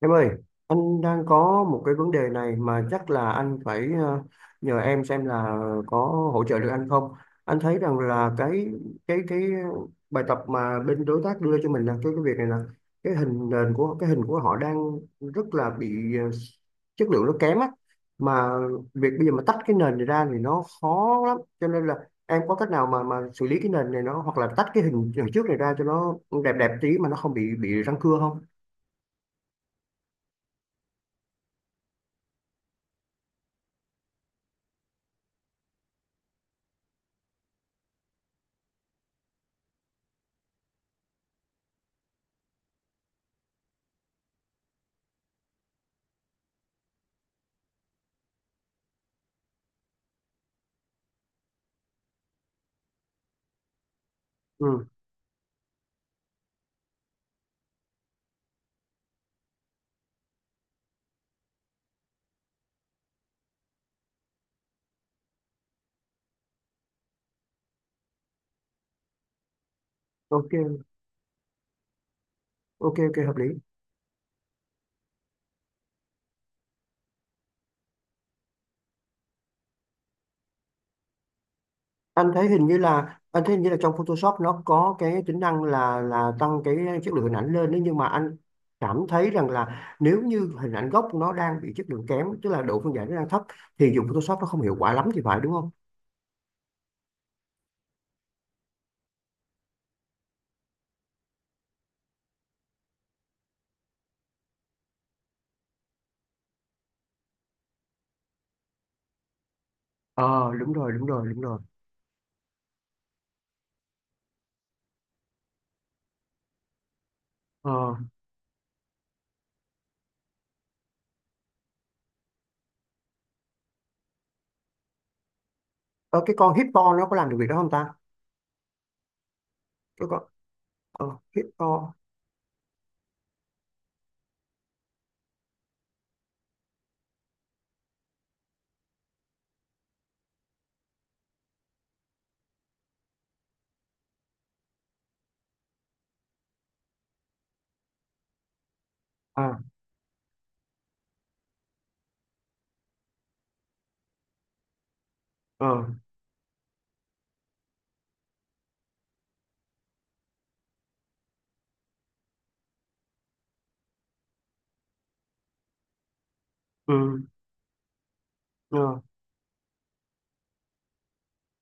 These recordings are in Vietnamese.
Em ơi, anh đang có một cái vấn đề này mà chắc là anh phải nhờ em xem là có hỗ trợ được anh không. Anh thấy rằng là cái bài tập mà bên đối tác đưa cho mình là cái việc này là cái hình nền của cái hình của họ đang rất là bị chất lượng nó kém á. Mà việc bây giờ mà tách cái nền này ra thì nó khó lắm. Cho nên là em có cách nào mà xử lý cái nền này nó hoặc là tách cái hình, hình trước này ra cho nó đẹp đẹp tí mà nó không bị răng cưa không? Ừ, ok. Ok, hợp lý. Anh thấy hình như là trong Photoshop nó có cái tính năng là tăng cái chất lượng hình ảnh lên đấy, nhưng mà anh cảm thấy rằng là nếu như hình ảnh gốc nó đang bị chất lượng kém, tức là độ phân giải nó đang thấp thì dùng Photoshop nó không hiệu quả lắm thì phải, đúng không? Ờ, đúng rồi, đúng rồi. ờ, ờ, cái con Hippo nó có làm được việc đó không ta? Cái con ờ, Hippo. à ờ. Ừ. ờ.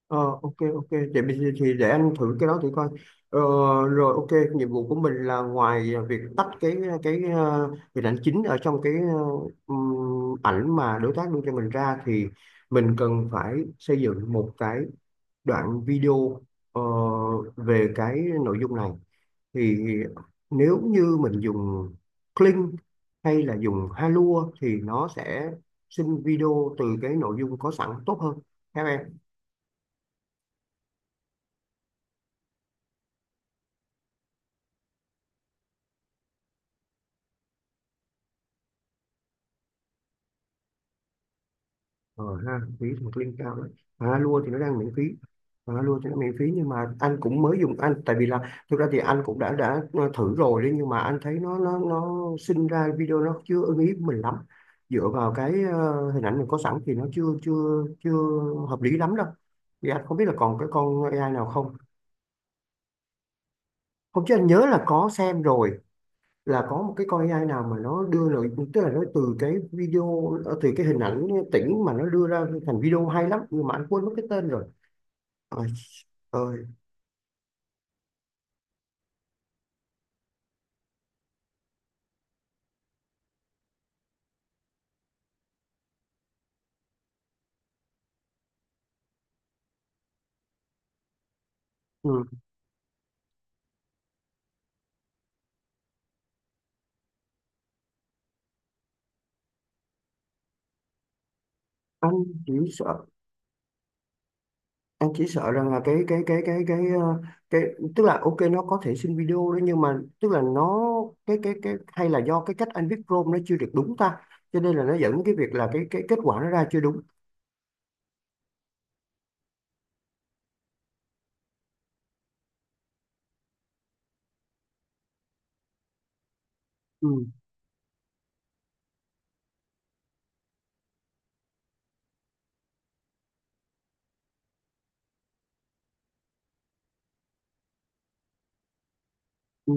Ờ. Ok, để mình thì để anh thử cái đó thử coi. ờ, Rồi, ok, nhiệm vụ của mình là ngoài việc tách cái hình ảnh chính ở trong cái ảnh mà đối tác đưa cho mình ra thì mình cần phải xây dựng một cái đoạn video ờ, về cái nội dung này. Thì nếu như mình dùng Kling hay là dùng Halua thì nó sẽ sinh video từ cái nội dung có sẵn tốt hơn. Theo em ờ ha phí một ly cao đấy. À, lua thì nó đang miễn phí. À, lua thì nó miễn phí nhưng mà anh cũng mới dùng tại vì là thực ra thì anh cũng đã thử rồi đấy, nhưng mà anh thấy nó sinh ra video nó chưa ưng ý mình lắm. Dựa vào cái hình ảnh mình có sẵn thì nó chưa chưa chưa hợp lý lắm đâu. Thì anh không biết là còn cái con AI nào không? Không, chứ anh nhớ là có xem rồi, là có một cái con AI nào mà nó đưa nội, tức là nó từ cái video từ cái hình ảnh tĩnh mà nó đưa ra thành video hay lắm, nhưng mà anh quên mất cái tên rồi. Ôi ơi. Ừ. anh chỉ sợ anh chỉ sợ rằng là cái tức là ok nó có thể xin video đó, nhưng mà tức là nó cái hay là do cái cách anh viết prompt nó chưa được đúng ta, cho nên là nó dẫn đến cái việc là cái kết quả nó ra chưa đúng. ừ ừ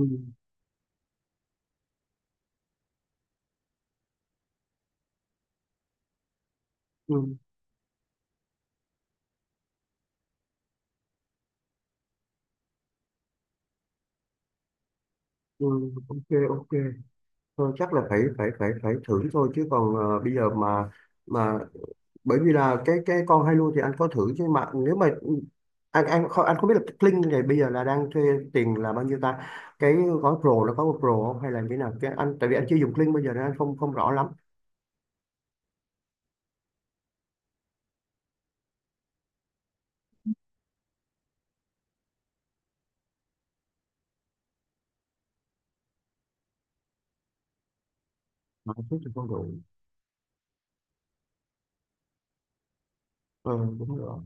ừ ừ. Ok. ok Thôi chắc là phải phải phải phải thử thôi, chứ còn bây giờ mà mà bởi vì là cái con Halo thì anh có thử. Chứ mà nếu mà anh không biết là cái Kling này bây giờ là đang thuê tiền là bao nhiêu ta. Cái gói Pro nó có Pro không, hay là như thế nào cái anh, tại vì anh chưa dùng Kling bây giờ nên anh không không rõ lắm. Mà anh thích thì không đủ. Ờ đúng rồi.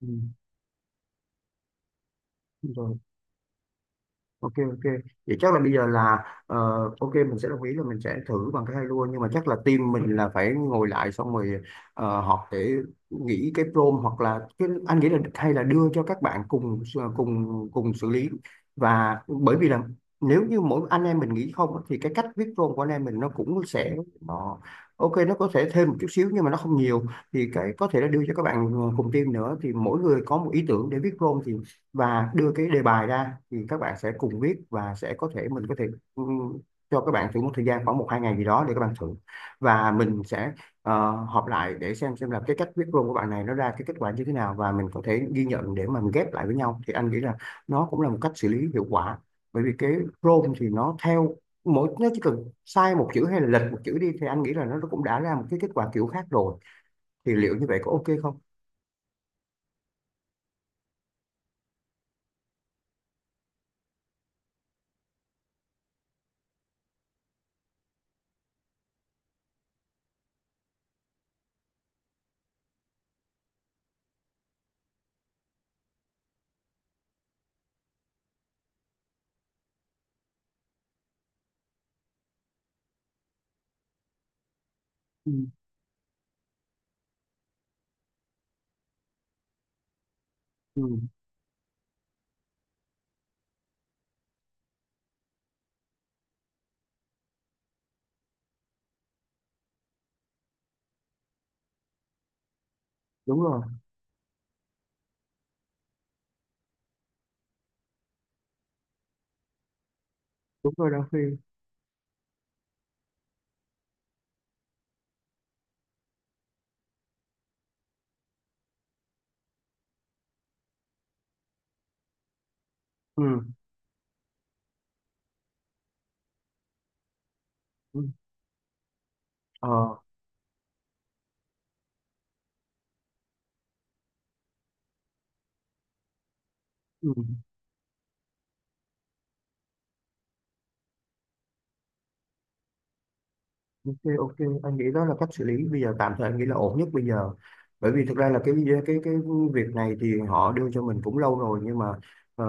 Ừ. Đúng rồi. Ok, vậy chắc là bây giờ là ok mình sẽ đồng ý là mình sẽ thử bằng cái hai lua, nhưng mà chắc là team mình là phải ngồi lại xong rồi họp để nghĩ cái prompt. Hoặc là cái, anh nghĩ là hay là đưa cho các bạn cùng ờ, cùng cùng xử lý. Và bởi vì là nếu như mỗi anh em mình nghĩ không á, thì cái cách viết prompt của anh em mình nó cũng sẽ nó ok, nó có thể thêm một chút xíu nhưng mà nó không nhiều. Thì cái có thể là đưa cho các bạn cùng team nữa, thì mỗi người có một ý tưởng để viết prompt thì đưa cái đề bài ra thì các bạn sẽ cùng viết, và sẽ có thể mình có thể ừ, cho các bạn thử một thời gian khoảng một hai ngày gì đó để các bạn thử. Và mình sẽ họp lại để xem là cái cách viết luôn của bạn này nó ra cái kết quả như thế nào, và mình có thể ghi nhận để mà mình ghép lại với nhau, thì anh nghĩ là nó cũng là một cách xử lý hiệu quả. Bởi vì cái prompt thì nó theo mỗi nó chỉ cần sai một chữ hay là lệch một chữ đi thì anh nghĩ là nó cũng đã ra một cái kết quả kiểu khác rồi. Thì liệu như vậy có ok không? Ừ, ừ, đúng rồi, đúng rồi, Đăng Phi. Ừ. Ừ. Ờ, ừ, ok, ok, anh nghĩ đó là cách xử lý bây giờ tạm thời, anh nghĩ là ổn nhất bây giờ. Bởi vì thực ra là cái việc này thì họ đưa cho mình cũng lâu rồi, nhưng mà ờ,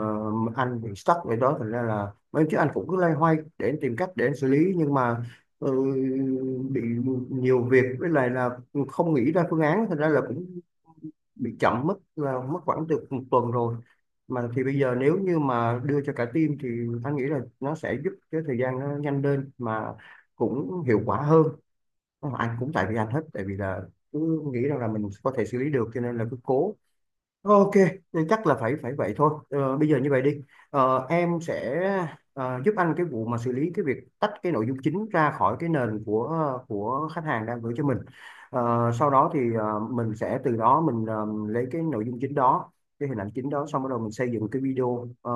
anh bị stuck ở đó, thành ra là mấy chứ anh cũng cứ loay hoay để anh tìm cách để anh xử lý. Nhưng mà ừ, bị nhiều việc với lại là không nghĩ ra phương án, thành ra là cũng bị chậm mất, là mất khoảng từ một tuần rồi mà. Thì bây giờ nếu như mà đưa cho cả team thì anh nghĩ là nó sẽ giúp cái thời gian nó nhanh lên mà cũng hiệu quả hơn. Ờ, anh cũng tại vì anh hết, tại vì là cứ nghĩ rằng là mình có thể xử lý được cho nên là cứ cố. Ok, nên chắc là phải phải vậy thôi. Ờ, bây giờ như vậy đi. Ờ, em sẽ giúp anh cái vụ mà xử lý cái việc tách cái nội dung chính ra khỏi cái nền của khách hàng đang gửi cho mình. Ờ, sau đó thì mình sẽ từ đó mình lấy cái nội dung chính đó, cái hình ảnh chính đó, xong bắt đầu mình xây dựng cái video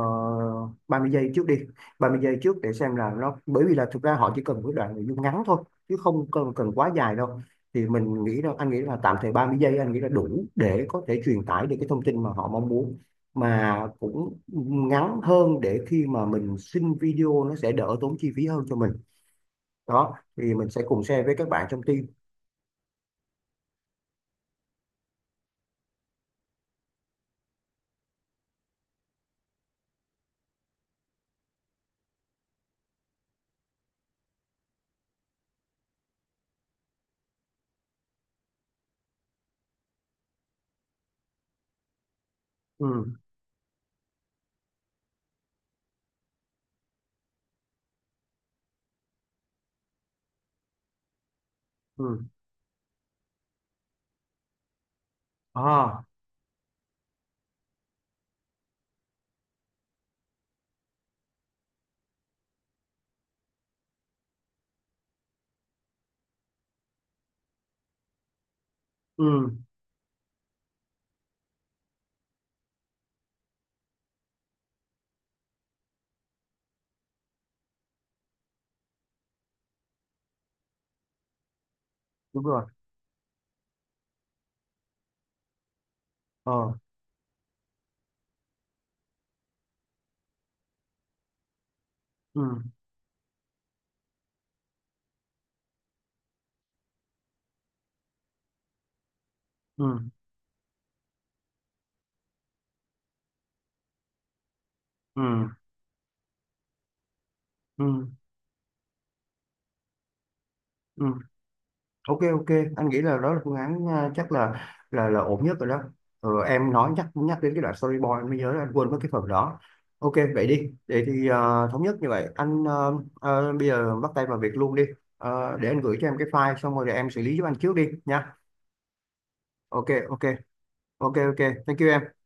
30 giây trước đi, 30 giây trước, để xem là nó, bởi vì là thực ra họ chỉ cần một cái đoạn nội dung ngắn thôi chứ không cần cần quá dài đâu. Thì mình nghĩ là anh nghĩ là tạm thời 30 giây anh nghĩ là đủ để có thể truyền tải được cái thông tin mà họ mong muốn, mà cũng ngắn hơn để khi mà mình xin video nó sẽ đỡ tốn chi phí hơn cho mình. Đó thì mình sẽ cùng share với các bạn trong team. Ừ. Ừ. À. Ừ. Đúng rồi. Ờ. Ừ. ừ ừ ừ ừ. Ok, anh nghĩ là đó là phương án, à, chắc là ổn nhất rồi đó. Ừ, em nói nhắc nhắc đến cái đoạn storyboard em mới nhớ là anh quên mất cái phần đó. Ok, vậy đi. Vậy thì à, thống nhất như vậy anh. À, à, bây giờ bắt tay vào việc luôn đi. Ờ, để anh gửi cho em cái file xong rồi để em xử lý giúp anh trước đi nha. Ok ok Ok. Thank you em.